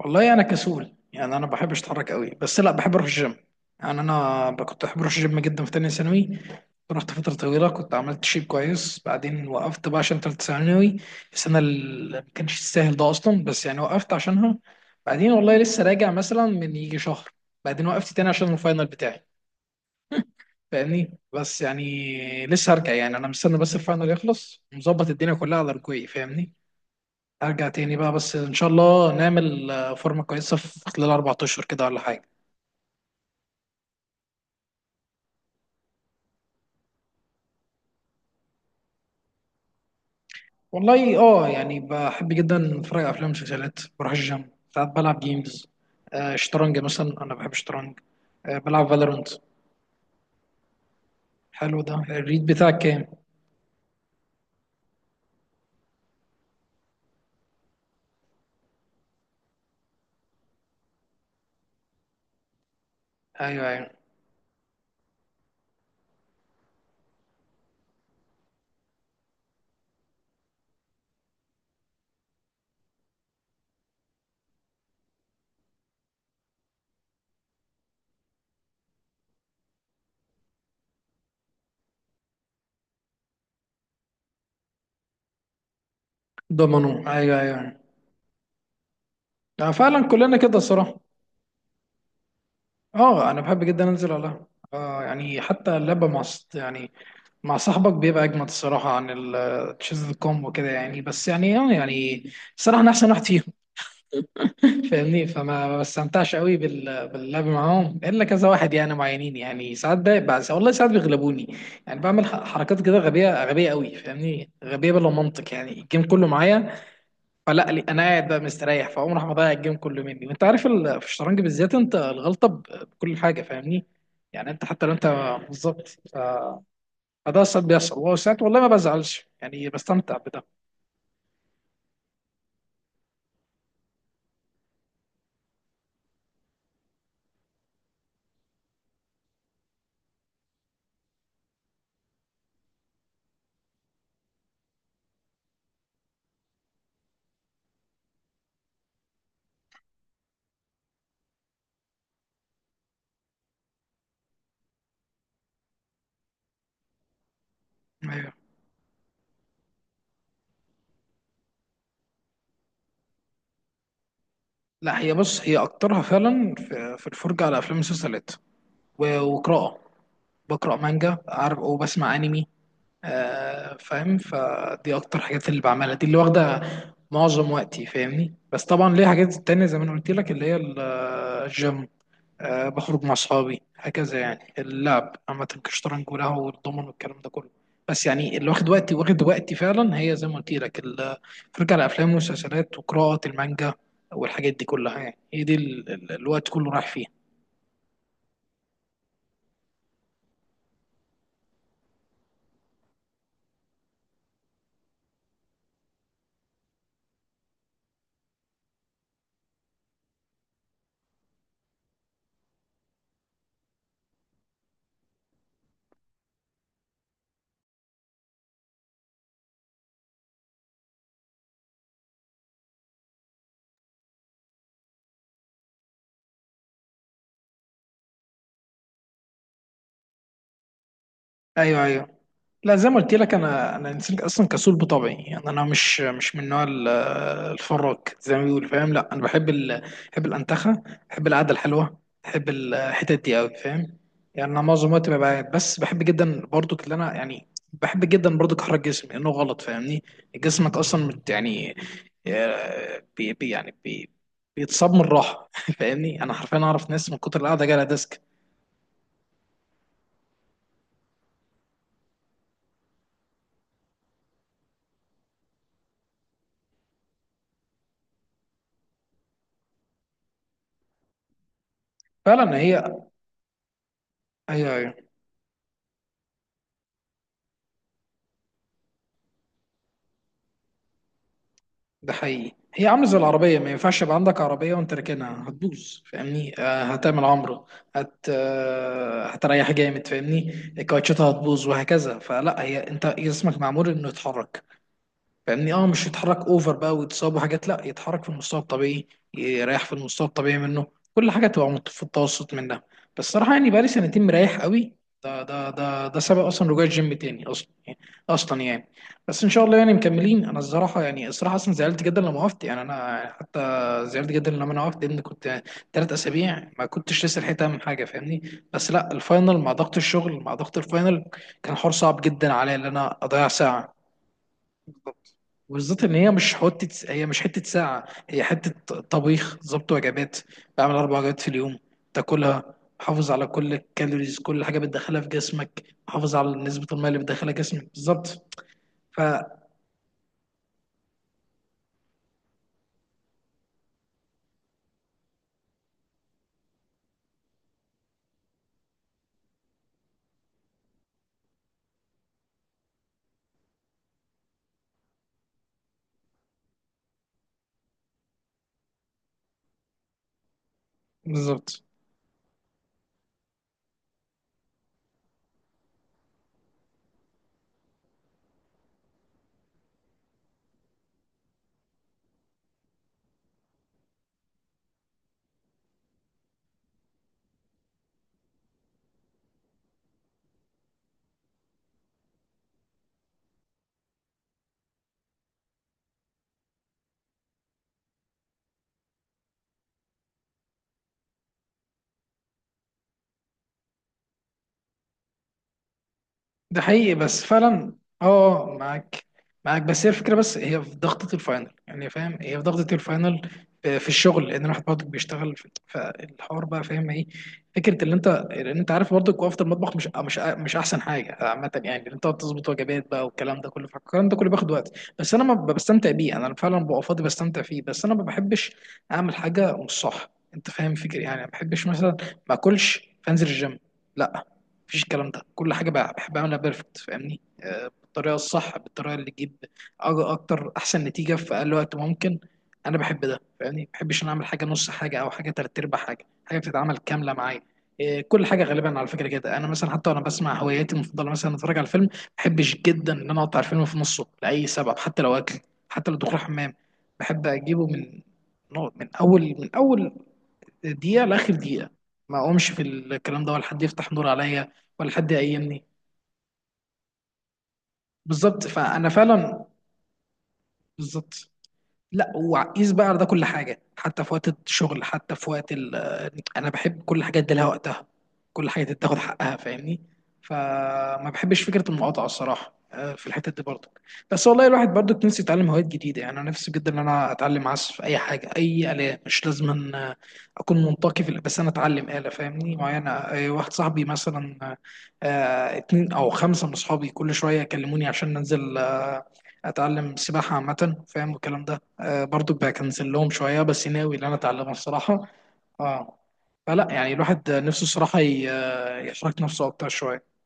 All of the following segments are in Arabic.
والله انا كسول، يعني انا ما بحبش اتحرك قوي، بس لا بحب اروح الجيم. يعني كنت بحب اروح الجيم جدا في تانية ثانوي. رحت فترة طويلة، كنت عملت شيب كويس، بعدين وقفت بقى عشان تالتة ثانوي، السنة اللي ما كانش تستاهل ده أصلا، بس يعني وقفت عشانها. بعدين والله لسه راجع مثلا من يجي شهر، بعدين وقفت تاني عشان الفاينل بتاعي. فاهمني، بس يعني لسه هرجع، يعني أنا مستني بس الفاينل يخلص، مظبط الدنيا كلها على رجوعي. فاهمني، ارجع تاني بقى، بس ان شاء الله نعمل فورمه كويسه في خلال 4 اشهر كده ولا حاجه. والله اه، يعني بحب جدا اتفرج على افلام ومسلسلات، بروح الجيم، ساعات بلعب جيمز، آه شطرنج مثلا، انا بحب الشطرنج، آه بلعب فالورنت. حلو، ده الريد بتاعك كام؟ ايوه ايوه. ضمنه، ايوه ايوه. آه فعلا كلنا كده الصراحه. اه، انا بحب جدا انزل على القهوة. اه يعني حتى اللعبه يعني مع صاحبك بيبقى اجمد الصراحه، عن التشيز كومبو كده، يعني بس يعني اه يعني الصراحه انا احسن واحد فيهم. فاهمني، فما ما بستمتعش قوي باللعب معاهم الا كذا واحد يعني، معينين يعني، ساعات ده بس، والله ساعات بيغلبوني. يعني بعمل حركات كده غبيه غبيه قوي فاهمني، غبيه بلا منطق يعني، الجيم كله معايا، فلا لي، انا قاعد بقى مستريح، فاقوم راح مضيع الجيم كله مني. وانت عارف في الشطرنج بالذات انت الغلطه بكل حاجه فاهمني، يعني انت حتى لو انت، بالظبط. فده ساعات بيحصل، وساعات والله ما بزعلش يعني بستمتع بده. ايوه، لا هي بص، هي اكترها فعلا في الفرجه على افلام ومسلسلات، وقراءه، بقرا مانجا عارف، وبسمع انمي. آه فاهم، فدي اكتر حاجات اللي بعملها، دي اللي واخده معظم وقتي فاهمني. بس طبعا ليه حاجات تانية زي ما انا قلت لك، اللي هي الجيم. أه بخرج مع أصحابي، هكذا يعني اللعب عامة كشطرنج وله والضمن والكلام ده كله. بس يعني اللي واخد وقتي، واخد وقتي فعلا، هي زي ما قلت لك الفرجة على أفلام ومسلسلات وقراءة المانجا، والحاجات دي كلها. يعني هي دي الوقت كله رايح فيها. أيوه أيوه. لا زي ما قلت لك، انا انا انسان اصلا كسول بطبعي يعني، انا مش من نوع الفراك زي ما بيقولوا فاهم. لا انا بحب ال...، بحب الانتخه، بحب القعده الحلوه، بحب الحتت دي قوي فاهم. يعني انا معظم الوقت ببقى قاعد، بس بحب جدا برضك، اللي انا يعني بحب جدا برضك احرك جسمي لانه غلط فاهمني، جسمك اصلا يعني، آه، بي بي- يعني بي بيتصاب من الراحه. فاهمني، انا حرفيا اعرف ناس من كتر القعده جالها ديسك. فعلا هي ده حقيقي، هي عامله زي العربيه، ما ينفعش يبقى عندك عربيه وانت راكنها هتبوظ فاهمني. آه هتعمل عمره، هت آه هتريح جامد فاهمني، كاوتشاتها هتبوظ وهكذا. فلا هي، انت جسمك معمول انه يتحرك فاهمني، اه مش يتحرك اوفر بقى ويتصاب وحاجات، لا يتحرك في المستوى الطبيعي، يريح في المستوى الطبيعي منه، كل حاجه تبقى في التوسط منها. بس صراحه يعني بقالي سنتين مريح قوي، ده سبب اصلا رجوع الجيم تاني اصلا يعني، اصلا يعني. بس ان شاء الله يعني مكملين. انا الصراحه يعني الصراحه اصلا زعلت جدا لما وقفت، يعني انا حتى زعلت جدا لما انا وقفت لان كنت 3 اسابيع ما كنتش لسه لحقت اعمل حاجه فاهمني. بس لا الفاينل مع ضغط الشغل مع ضغط الفاينل، كان حوار صعب جدا عليا ان انا اضيع ساعه. بالظبط، بالذات ان هي مش حته، هي مش حته ساعه، هي حته طبيخ، ظبط وجبات، بعمل اربع وجبات في اليوم تاكلها، حافظ على كل الكالوريز، كل حاجه بتدخلها في جسمك، حافظ على نسبه الميه اللي بتدخلها جسمك بالظبط. ف، بالظبط. ده حقيقي بس فعلا. اه معاك، معاك بس هي الفكره، بس هي في ضغطه الفاينل يعني فاهم، هي في ضغطه الفاينل، في الشغل لان الواحد برضك بيشتغل فالحوار بقى فاهم ايه. فكره اللي انت، لان انت عارف برضك وقفه المطبخ مش احسن حاجه عامه يعني، اللي انت تظبط وجبات بقى والكلام ده كله، فالكلام ده كله بياخد وقت. بس انا ما ب- بستمتع بيه، انا فعلا ببقى فاضي بستمتع فيه، بس انا ما بحبش اعمل حاجه مش صح انت فاهم فكري يعني، ما بحبش مثلا ما اكلش فانزل الجيم، لا، مفيش الكلام ده. كل حاجه بقى بحب اعملها بيرفكت فاهمني، بالطريقه الصح، بالطريقه اللي تجيب اكتر احسن نتيجه في اقل وقت ممكن. انا بحب ده فاهمني، ما بحبش ان اعمل حاجه نص حاجه او حاجه تلات ارباع حاجه، حاجه بتتعمل كامله معايا. كل حاجه غالبا على فكره كده، انا مثلا حتى وانا بسمع هواياتي المفضله، مثلا اتفرج على الفيلم ما بحبش جدا ان انا اقطع الفيلم في نصه لاي سبب، حتى لو اكل، حتى لو دخول حمام، بحب اجيبه من من اول دقيقة لآخر دقيقة، ما أقومش في الكلام ده، ولا حد يفتح نور عليا، ولا حد يقيمني. بالظبط فأنا فعلا بالظبط. لا وقيس بقى على ده كل حاجه، حتى في وقت الشغل، حتى في وقت ال...، انا بحب كل حاجه ادي لها وقتها، كل حاجه تاخد حقها فاهمني. فما بحبش فكره المقاطعه الصراحه، في الحته دي برضه. بس والله الواحد برضه نفسه يتعلم هوايات جديده، يعني انا نفسي جدا ان انا اتعلم عزف اي حاجه، اي اله، مش لازم أن اكون منطقي في الآلة، بس انا اتعلم اله فاهمني معينه. واحد صاحبي مثلا، اتنين او خمسه من اصحابي كل شويه يكلموني عشان ننزل، اتعلم سباحه عامه فاهم والكلام ده، آه برضو بكنسل لهم شويه بس ناوي ان انا اتعلمها الصراحه. اه فلا يعني الواحد نفسه الصراحه يحرك نفسه اكتر شويه.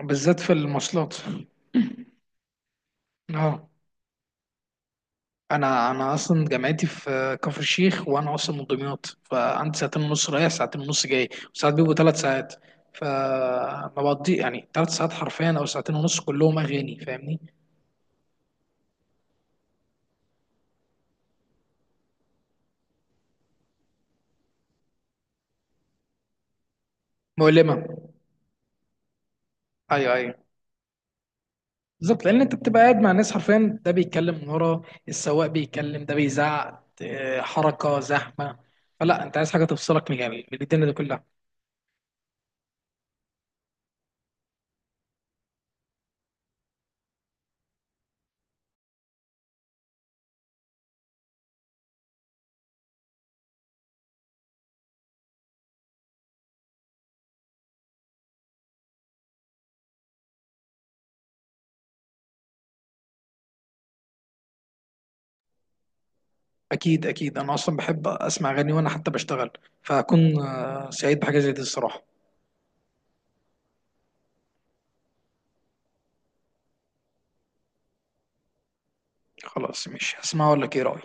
بالذات في المواصلات، اه انا انا اصلا جامعتي في كفر الشيخ، وانا اصلا من دمياط، فعندي ساعتين ونص رايح ساعتين ونص جاي، وساعات بيبقوا 3 ساعات، فبقضي يعني 3 ساعات حرفيا او ساعتين ونص كلهم اغاني فاهمني. مؤلمه، ايوه ايوه. بالظبط لان انت بتبقى قاعد مع ناس حرفيا، ده بيتكلم من ورا، السواق بيتكلم، ده بيزعق، حركه زحمه، فلا انت عايز حاجه تفصلك من يعني من الدنيا دي كلها. اكيد اكيد، انا اصلا بحب اسمع اغاني وانا حتى بشتغل، فاكون سعيد بحاجه زي دي الصراحه. خلاص مش هسمعها ولا ايه رايك؟